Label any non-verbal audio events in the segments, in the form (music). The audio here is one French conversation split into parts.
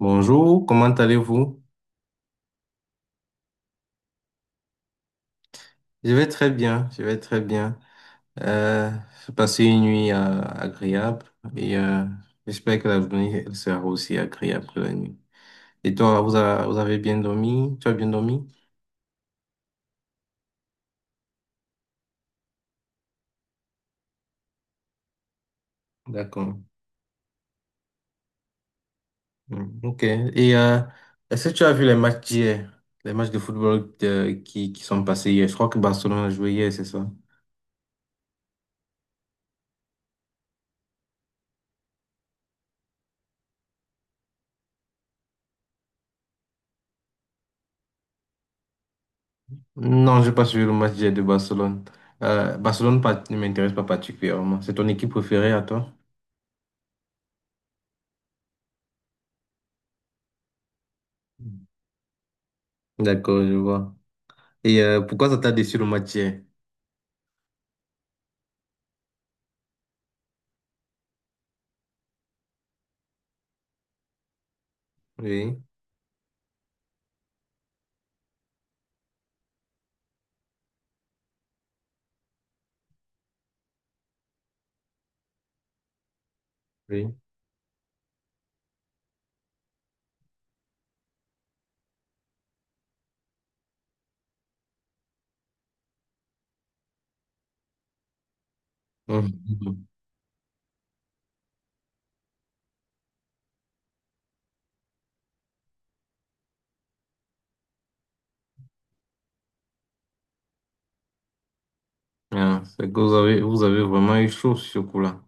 Bonjour, comment allez-vous? Je vais très bien, je vais très bien. Euh, j'ai passé une nuit agréable et j'espère que la journée elle sera aussi agréable que la nuit. Et toi, vous, vous avez bien dormi? Tu as bien dormi? D'accord. Mm, ok. Et est-ce que tu as vu les matchs d'hier? Les matchs de football qui sont passés hier? Je crois que Barcelone a joué hier, c'est ça? Non, je n'ai pas suivi le match d'hier de Barcelone. Barcelone ne m'intéresse pas particulièrement. C'est ton équipe préférée à toi? D'accord, je vois. Et pourquoi ça t'a déçu le match hier? Oui, oui. Mhm. Ah, c'est que vous avez vraiment eu chaud sur ce coup-là.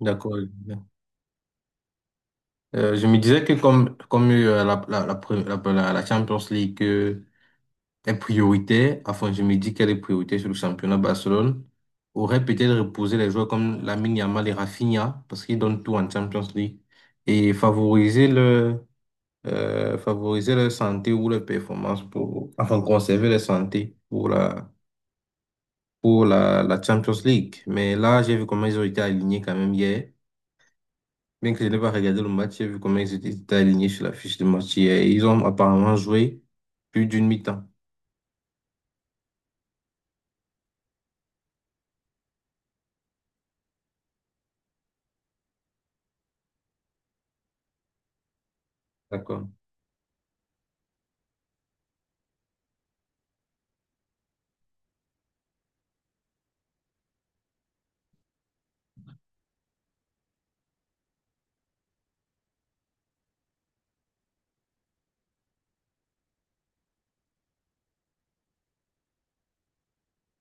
D'accord. Je me disais que comme la, la, la, pre- la- la Champions League est prioritaire, enfin je me dis qu'elle est prioritaire sur le championnat Barcelone, aurait peut-être reposé les joueurs comme Lamine Yamal et Rafinha, parce qu'ils donnent tout en Champions League, et favoriser leur santé ou leur performance pour, enfin, conserver leur santé pour la Champions League. Mais là, j'ai vu comment ils ont été alignés quand même hier. Bien que je n'ai pas regardé le match, j'ai vu comment ils étaient alignés sur la fiche de match hier. Et ils ont apparemment joué plus d'une mi-temps. D'accord.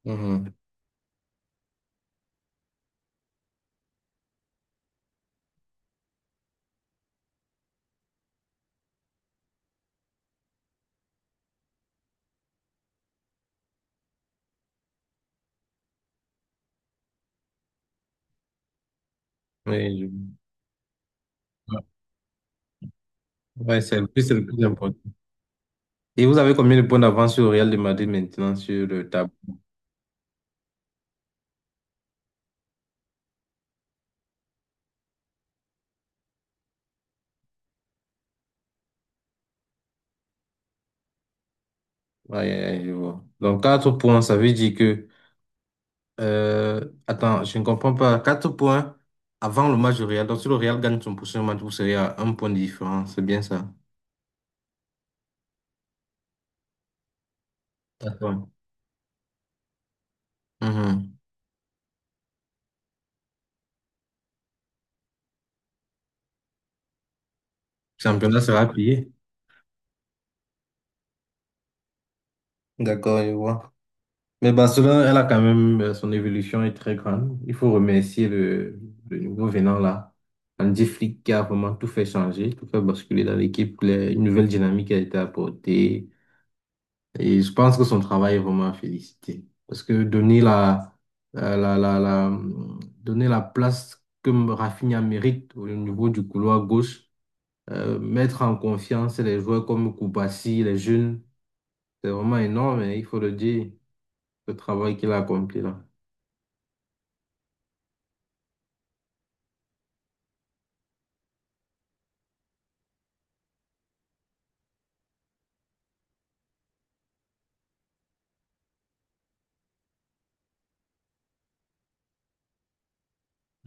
Mhm. Oui, je- Ouais. Ouais, c'est le plus important. Et vous avez combien de points d'avance sur le Real de Madrid maintenant sur le tableau? Ouais, je vois. Donc, 4 points, ça veut dire que Euh, attends, je ne comprends pas. 4 points avant le match du Real. Donc, si le Real gagne son prochain match, vous serez à un point de différence. C'est bien ça. D'accord. Mhm. Le Championnat sera payé. D'accord, je vois. Mais Barcelone, elle a quand même, son évolution est très grande. Il faut remercier le nouveau venant là, Andy Flick, qui a vraiment tout fait changer, tout fait basculer dans l'équipe. Une nouvelle dynamique a été apportée. Et je pense que son travail est vraiment à féliciter. Parce que donner la, la, la, la- la- donner la place que Rafinha mérite au niveau du couloir gauche, mettre en confiance les joueurs comme Koubassi, les jeunes, c'est vraiment énorme et il faut le dire, le travail qu'il a accompli là.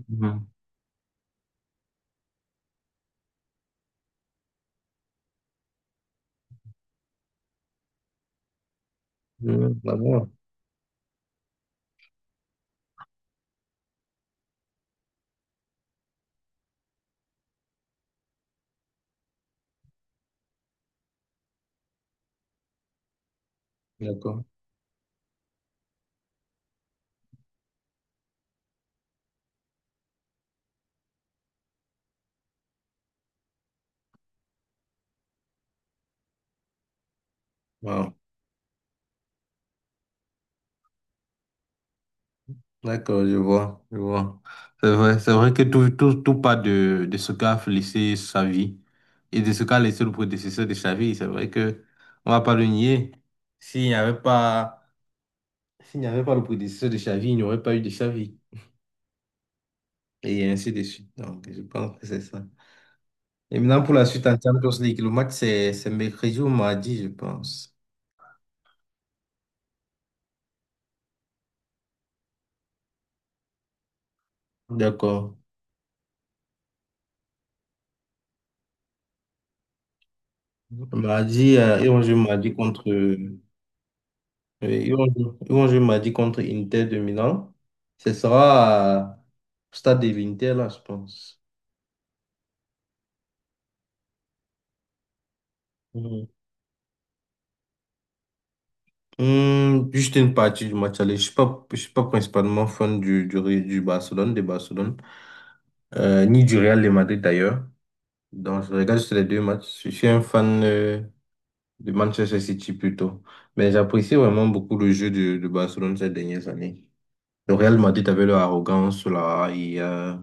Mhm. Mhm, d'accord. D'accord. Wow. D'accord, je vois. C'est vrai que tout part de ce qu'a laissé sa vie et de ce qu'a laissé le prédécesseur de sa vie. C'est vrai que on va pas le nier. S'il n'y avait pas, s'il n'y avait pas le prédécesseur de sa vie, il n'y aurait pas eu de sa vie. Et ainsi de suite. Donc, je pense que c'est ça. Et maintenant, pour la suite en Champions League, le match, c'est mercredi ou mardi, je pense. D'accord. Mardi, et on joue mardi contre Oui, Yonju m'a dit contre Inter de Milan. Ce sera au stade de l'Inter, là, je pense. Mhm. Hmm, juste une partie du match aller. Je suis pas principalement fan du, Ré- du Barcelone, de Barcelone, ni du Real de Madrid d'ailleurs. Donc, je regarde juste les deux matchs. Je suis un fan de Manchester City plutôt. Mais j'apprécie vraiment beaucoup le jeu de Barcelone ces dernières années. Le Real Madrid avait leur arrogance là. Et, euh,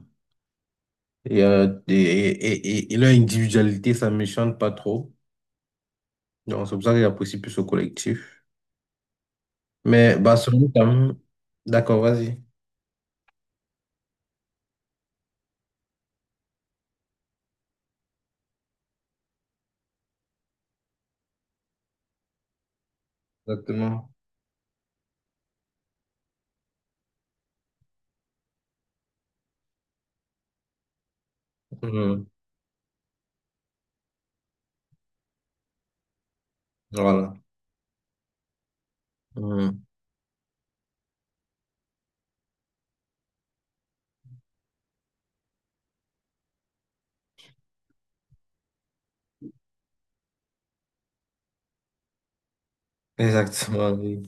Et, euh, et, et, et- Et leur individualité, ça ne me chante pas trop. Donc, c'est pour ça que j'apprécie plus au collectif. Mais Barcelone, quand même. D'accord, vas-y. Exactement. Mhm. Voilà. Mhm. Exactement, oui.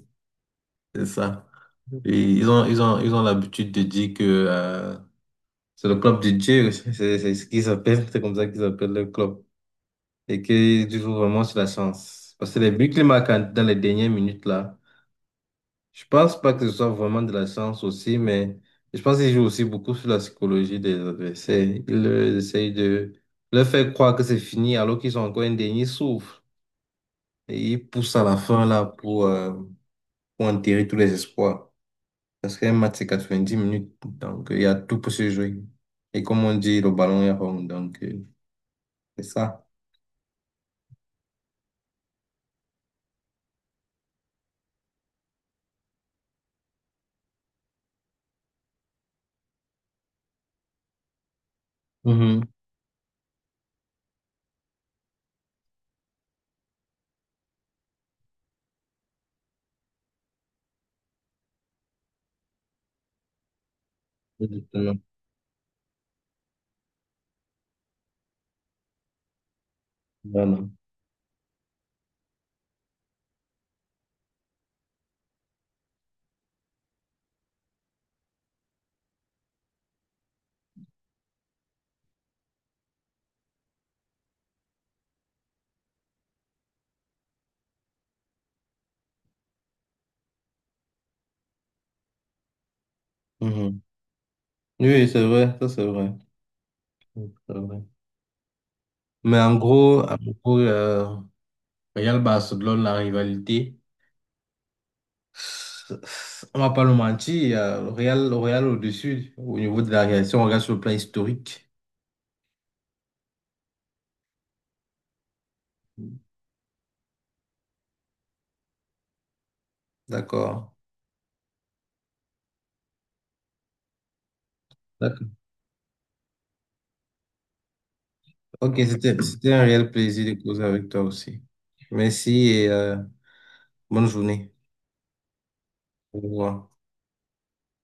C'est ça. Et ils ont l'habitude de dire que c'est le club de Dieu, (laughs) c'est ce qu'ils appellent, c'est comme ça qu'ils appellent le club. Et qu'ils jouent vraiment sur la chance. Parce que les buts qu'ils marquent dans les dernières minutes, là, je pense pas que ce soit vraiment de la chance aussi, mais je pense qu'il joue aussi beaucoup sur la psychologie des adversaires. Il essaye de leur faire croire que c'est fini alors qu'ils ont encore un dernier souffle. Et ils poussent à la fin là pour enterrer tous les espoirs. Parce qu'un match, c'est 90 minutes, donc il y a tout pour se jouer. Et comme on dit, le ballon est rond, donc c'est ça. Mhm. Exactement. Voilà. Mhm. Oui, oui, c'est vrai, ça c'est vrai. C'est vrai. Mais en gros, Real Barcelone, la rivalité. On va pas le mentir, il y a le Real au-dessus, au niveau de la réalisation, on regarde sur le plan historique. D'accord. D'accord. Ok, c'était un réel plaisir de causer avec toi aussi. Merci et bonne journée. Au revoir.